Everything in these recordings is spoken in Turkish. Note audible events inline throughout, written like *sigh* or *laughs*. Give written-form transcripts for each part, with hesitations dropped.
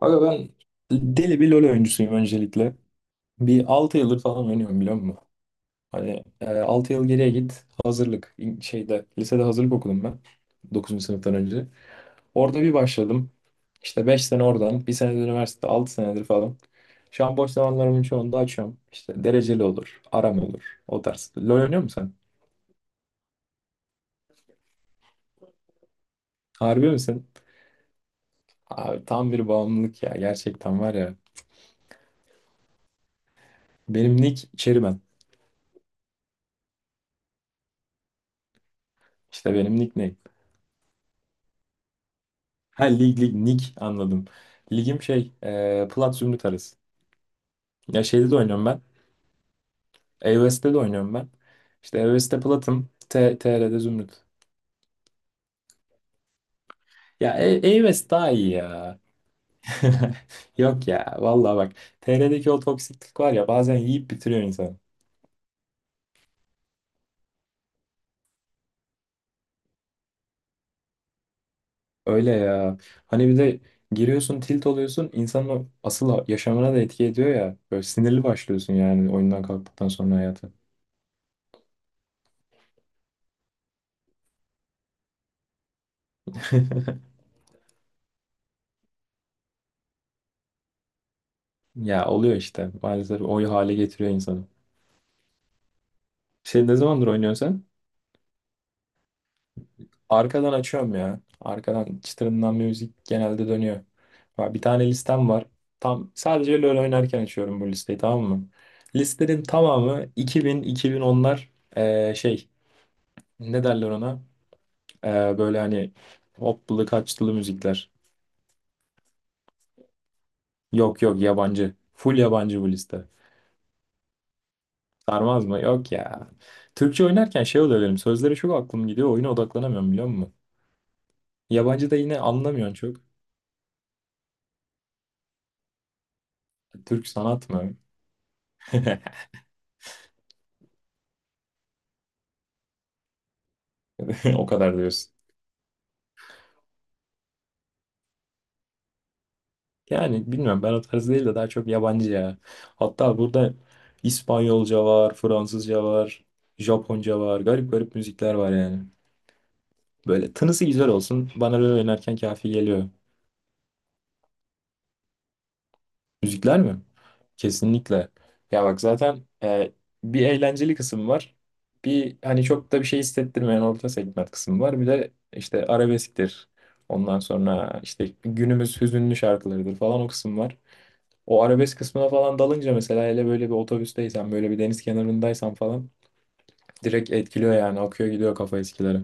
Aga ben deli bir LoL oyuncusuyum öncelikle. Bir 6 yıldır falan oynuyorum biliyor musun? Hani 6 yıl geriye git hazırlık şeyde lisede hazırlık okudum ben dokuzuncu sınıftan önce. Orada bir başladım. İşte 5 sene oradan, bir sene de üniversite, 6 senedir falan. Şu an boş zamanlarımın çoğunu da açıyorum. İşte dereceli olur, aram olur. O tarz. LoL oynuyor musun sen? Harbi misin? Abi tam bir bağımlılık ya. Gerçekten var ya. Benim nick Cherryman. İşte benim nick. Ha, lig lig lig, anladım. Ligim şey, plat zümrüt arası. Ya şeyde de oynuyorum ben. E de oynuyorum ben. İşte E-West'te platım. TR'de zümrüt. Ya daha iyi ya. *laughs* Yok ya vallahi bak. TR'deki o toksiklik var ya, bazen yiyip bitiriyor insanı. Öyle ya. Hani bir de giriyorsun, tilt oluyorsun, insanın o asıl yaşamına da etki ediyor ya. Böyle sinirli başlıyorsun yani oyundan kalktıktan sonra hayata. *laughs* Ya oluyor işte, maalesef o hale getiriyor insanı. Şey, ne zamandır oynuyorsun sen? Arkadan açıyorum ya. Arkadan çıtırından müzik genelde dönüyor. Ha, bir tane listem var. Tam sadece LoL oynarken açıyorum bu listeyi, tamam mı? Listenin tamamı 2000 2010'lar, şey, ne derler ona? Böyle hani hoplulu kaçtılı müzikler. Yok yok, yabancı. Full yabancı bu liste. Sarmaz mı? Yok ya. Türkçe oynarken şey oluyor benim. Sözlere çok aklım gidiyor. Oyuna odaklanamıyorum, biliyor musun? Yabancı da yine anlamıyorsun çok. Türk sanat mı? *laughs* *laughs* O kadar diyorsun. Yani bilmiyorum, ben o tarz değil de daha çok yabancı ya. Hatta burada İspanyolca var, Fransızca var, Japonca var. Garip garip müzikler var yani. Böyle tınısı güzel olsun. Bana böyle oynarken kafi geliyor. Müzikler mi? Kesinlikle. Ya bak zaten, bir eğlenceli kısım var. Bir hani çok da bir şey hissettirmeyen orta segment kısım var. Bir de işte arabesktir. Ondan sonra işte günümüz hüzünlü şarkılarıdır falan o kısım var. O arabesk kısmına falan dalınca mesela, hele böyle bir otobüsteysen, böyle bir deniz kenarındaysan falan direkt etkiliyor yani, akıyor gidiyor kafa eskileri.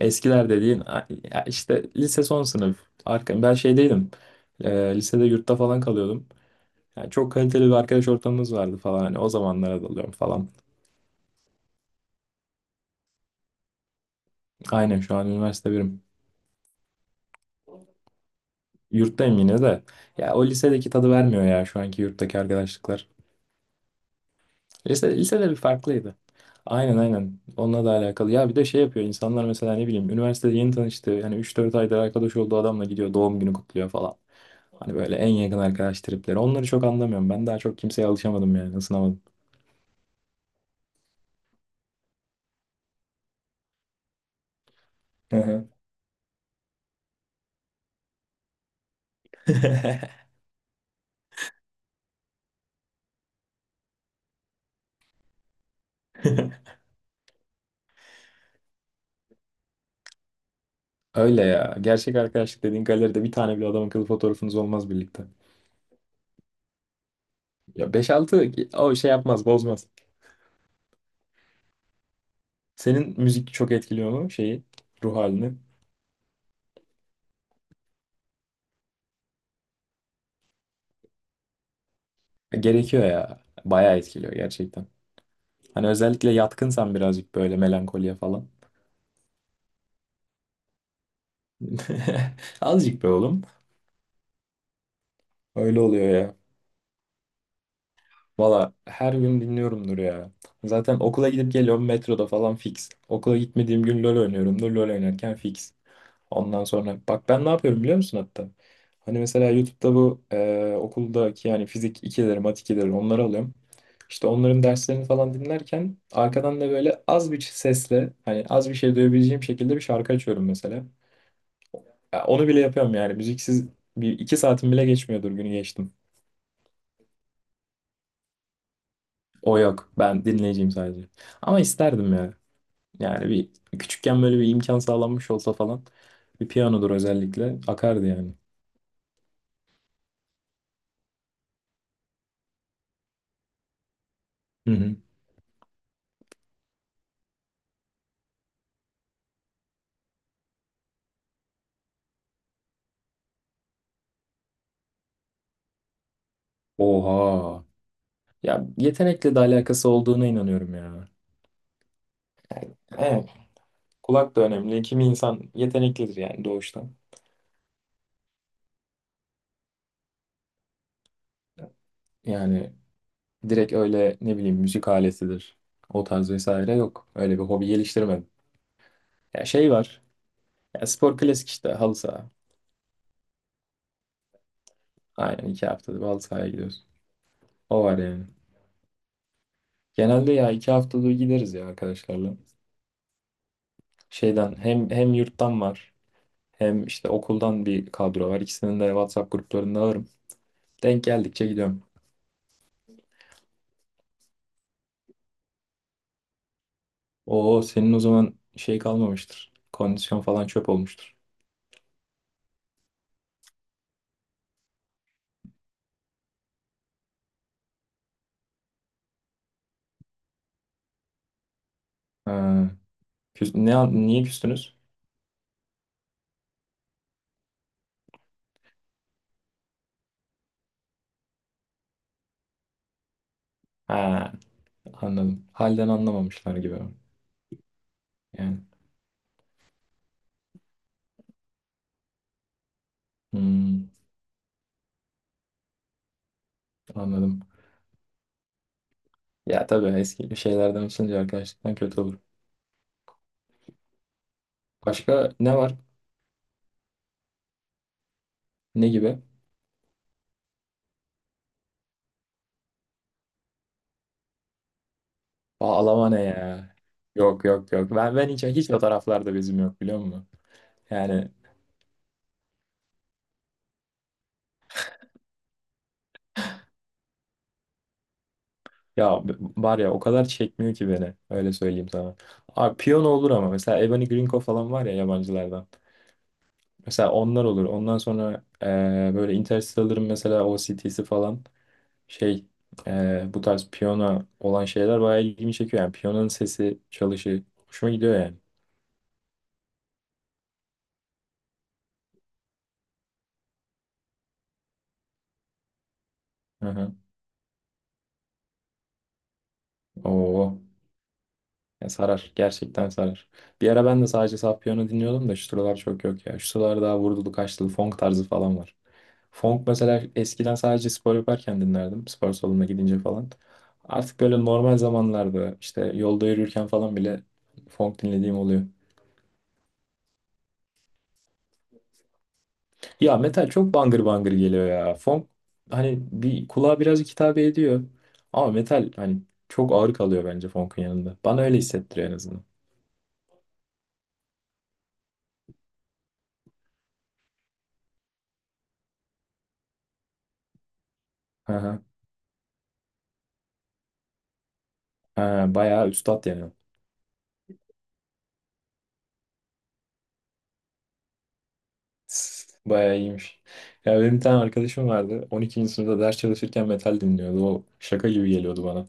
Eskiler dediğin ya işte lise son sınıf. Ben şey değilim. Lisede yurtta falan kalıyordum. Yani çok kaliteli bir arkadaş ortamımız vardı falan. Hani o zamanlara dalıyorum falan. Aynen, şu an üniversite birim. Yurttayım yine de. Ya o lisedeki tadı vermiyor ya şu anki yurttaki arkadaşlıklar. Lisede bir farklıydı. Aynen aynen. Onunla da alakalı. Ya bir de şey yapıyor insanlar mesela, ne bileyim, üniversitede yeni tanıştığı, yani 3-4 aydır arkadaş olduğu adamla gidiyor doğum günü kutluyor falan. Hani böyle en yakın arkadaş tripleri. Onları çok anlamıyorum. Ben daha çok kimseye alışamadım, yani ısınamadım. Hı hı. *laughs* Öyle ya. Gerçek arkadaşlık dediğin galeride bir tane bile adam akıllı fotoğrafınız olmaz birlikte. Ya beş altı o şey yapmaz bozmaz. Senin müzik çok etkiliyor mu şeyi, ruh halini? E, gerekiyor ya. Bayağı etkiliyor gerçekten. Hani özellikle yatkınsan birazcık böyle melankoliye falan. *laughs* Azıcık be oğlum. Öyle oluyor ya. Valla her gün dinliyorumdur ya. Zaten okula gidip geliyorum, metroda falan fix. Okula gitmediğim gün LoL oynuyorumdur. LoL oynarken fix. Ondan sonra bak ben ne yapıyorum biliyor musun hatta? Hani mesela YouTube'da bu okuldaki yani fizik 2'leri, mat 2'leri, onları alıyorum. İşte onların derslerini falan dinlerken arkadan da böyle az bir sesle, hani az bir şey duyabileceğim şekilde bir şarkı açıyorum mesela. Ya onu bile yapıyorum yani. Müziksiz bir iki saatim bile geçmiyordur, günü geçtim. O yok. Ben dinleyeceğim sadece. Ama isterdim ya. Yani bir küçükken böyle bir imkan sağlanmış olsa falan. Bir piyanodur özellikle. Akardı yani. Hı hı. Oha. Ya yetenekle de alakası olduğuna inanıyorum ya. Evet. Kulak da önemli. Kimi insan yeteneklidir yani, doğuştan. Yani direkt öyle, ne bileyim, müzik aletidir. O tarz vesaire yok. Öyle bir hobi geliştirmedim. Ya şey var. Ya spor, klasik işte, halı saha. Aynen, 2 haftada bir halı sahaya gidiyoruz. O var yani. Genelde ya 2 haftada bir gideriz ya arkadaşlarla. Şeyden hem yurttan var, hem işte okuldan bir kadro var. İkisinin de WhatsApp gruplarında varım. Denk geldikçe gidiyorum. Oo, senin o zaman şey kalmamıştır. Kondisyon falan çöp olmuştur. Ha, niye küstünüz? Ha, anladım. Halden anlamamışlar gibi. Yani hmm, anladım. Ya tabii, eski şeylerden açılınca arkadaşlıktan kötü olur. Başka ne var? Ne gibi? Aa, Almanya ya. Yok yok yok. Ben hiç hiç o taraflarda bizim yok, biliyor musun? Yani, ya var ya, o kadar çekmiyor ki beni. Öyle söyleyeyim sana. Abi piyano olur ama mesela Ebony Grinko falan var ya yabancılardan. Mesela onlar olur. Ondan sonra böyle Interstellar'ın mesela OST'si falan, şey, bu tarz piyano olan şeyler bayağı ilgimi çekiyor. Yani piyanonun sesi, çalışı hoşuma gidiyor yani. Hı hı. Oo. Ya sarar. Gerçekten sarar. Bir ara ben de sadece saf piyano dinliyordum da şu sıralar çok yok ya. Şu sıralar daha vurdulu kaçtılı funk tarzı falan var. Funk mesela eskiden sadece spor yaparken dinlerdim. Spor salonuna gidince falan. Artık böyle normal zamanlarda işte yolda yürürken falan bile funk dinlediğim oluyor. Ya metal çok bangır bangır geliyor ya. Funk hani bir kulağa birazcık hitap ediyor. Ama metal hani çok ağır kalıyor bence funk'un yanında. Bana öyle hissettiriyor en azından. Hı hı. Ha, bayağı üstat yani. Bayağı iyiymiş. Ya benim bir tane arkadaşım vardı. 12. sınıfta ders çalışırken metal dinliyordu. O şaka gibi geliyordu bana.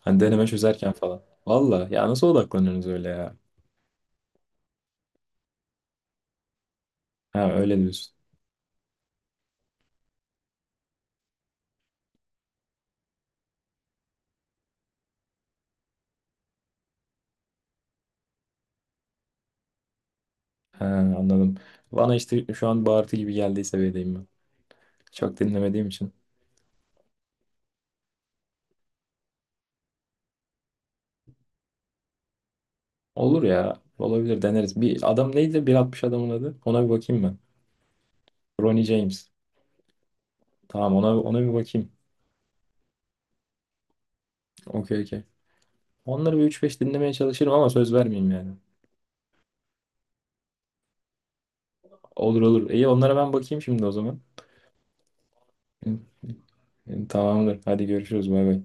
Hani deneme çözerken falan. Valla ya, nasıl odaklanıyorsunuz öyle ya? Ha, öyle diyorsun. Ha, anladım. Bana işte şu an bağırtı gibi geldiği seviyedeyim ben. Çok dinlemediğim için. Olur ya. Olabilir, deneriz. Bir adam neydi? 1.60 adamın adı. Ona bir bakayım ben. Ronnie James. Tamam, ona bir bakayım. Okey okey. Onları bir üç beş dinlemeye çalışırım ama söz vermeyeyim yani. Olur olur. İyi, onlara ben bakayım şimdi o zaman. Hı, hı. Tamamdır. Hadi görüşürüz. Bay bay.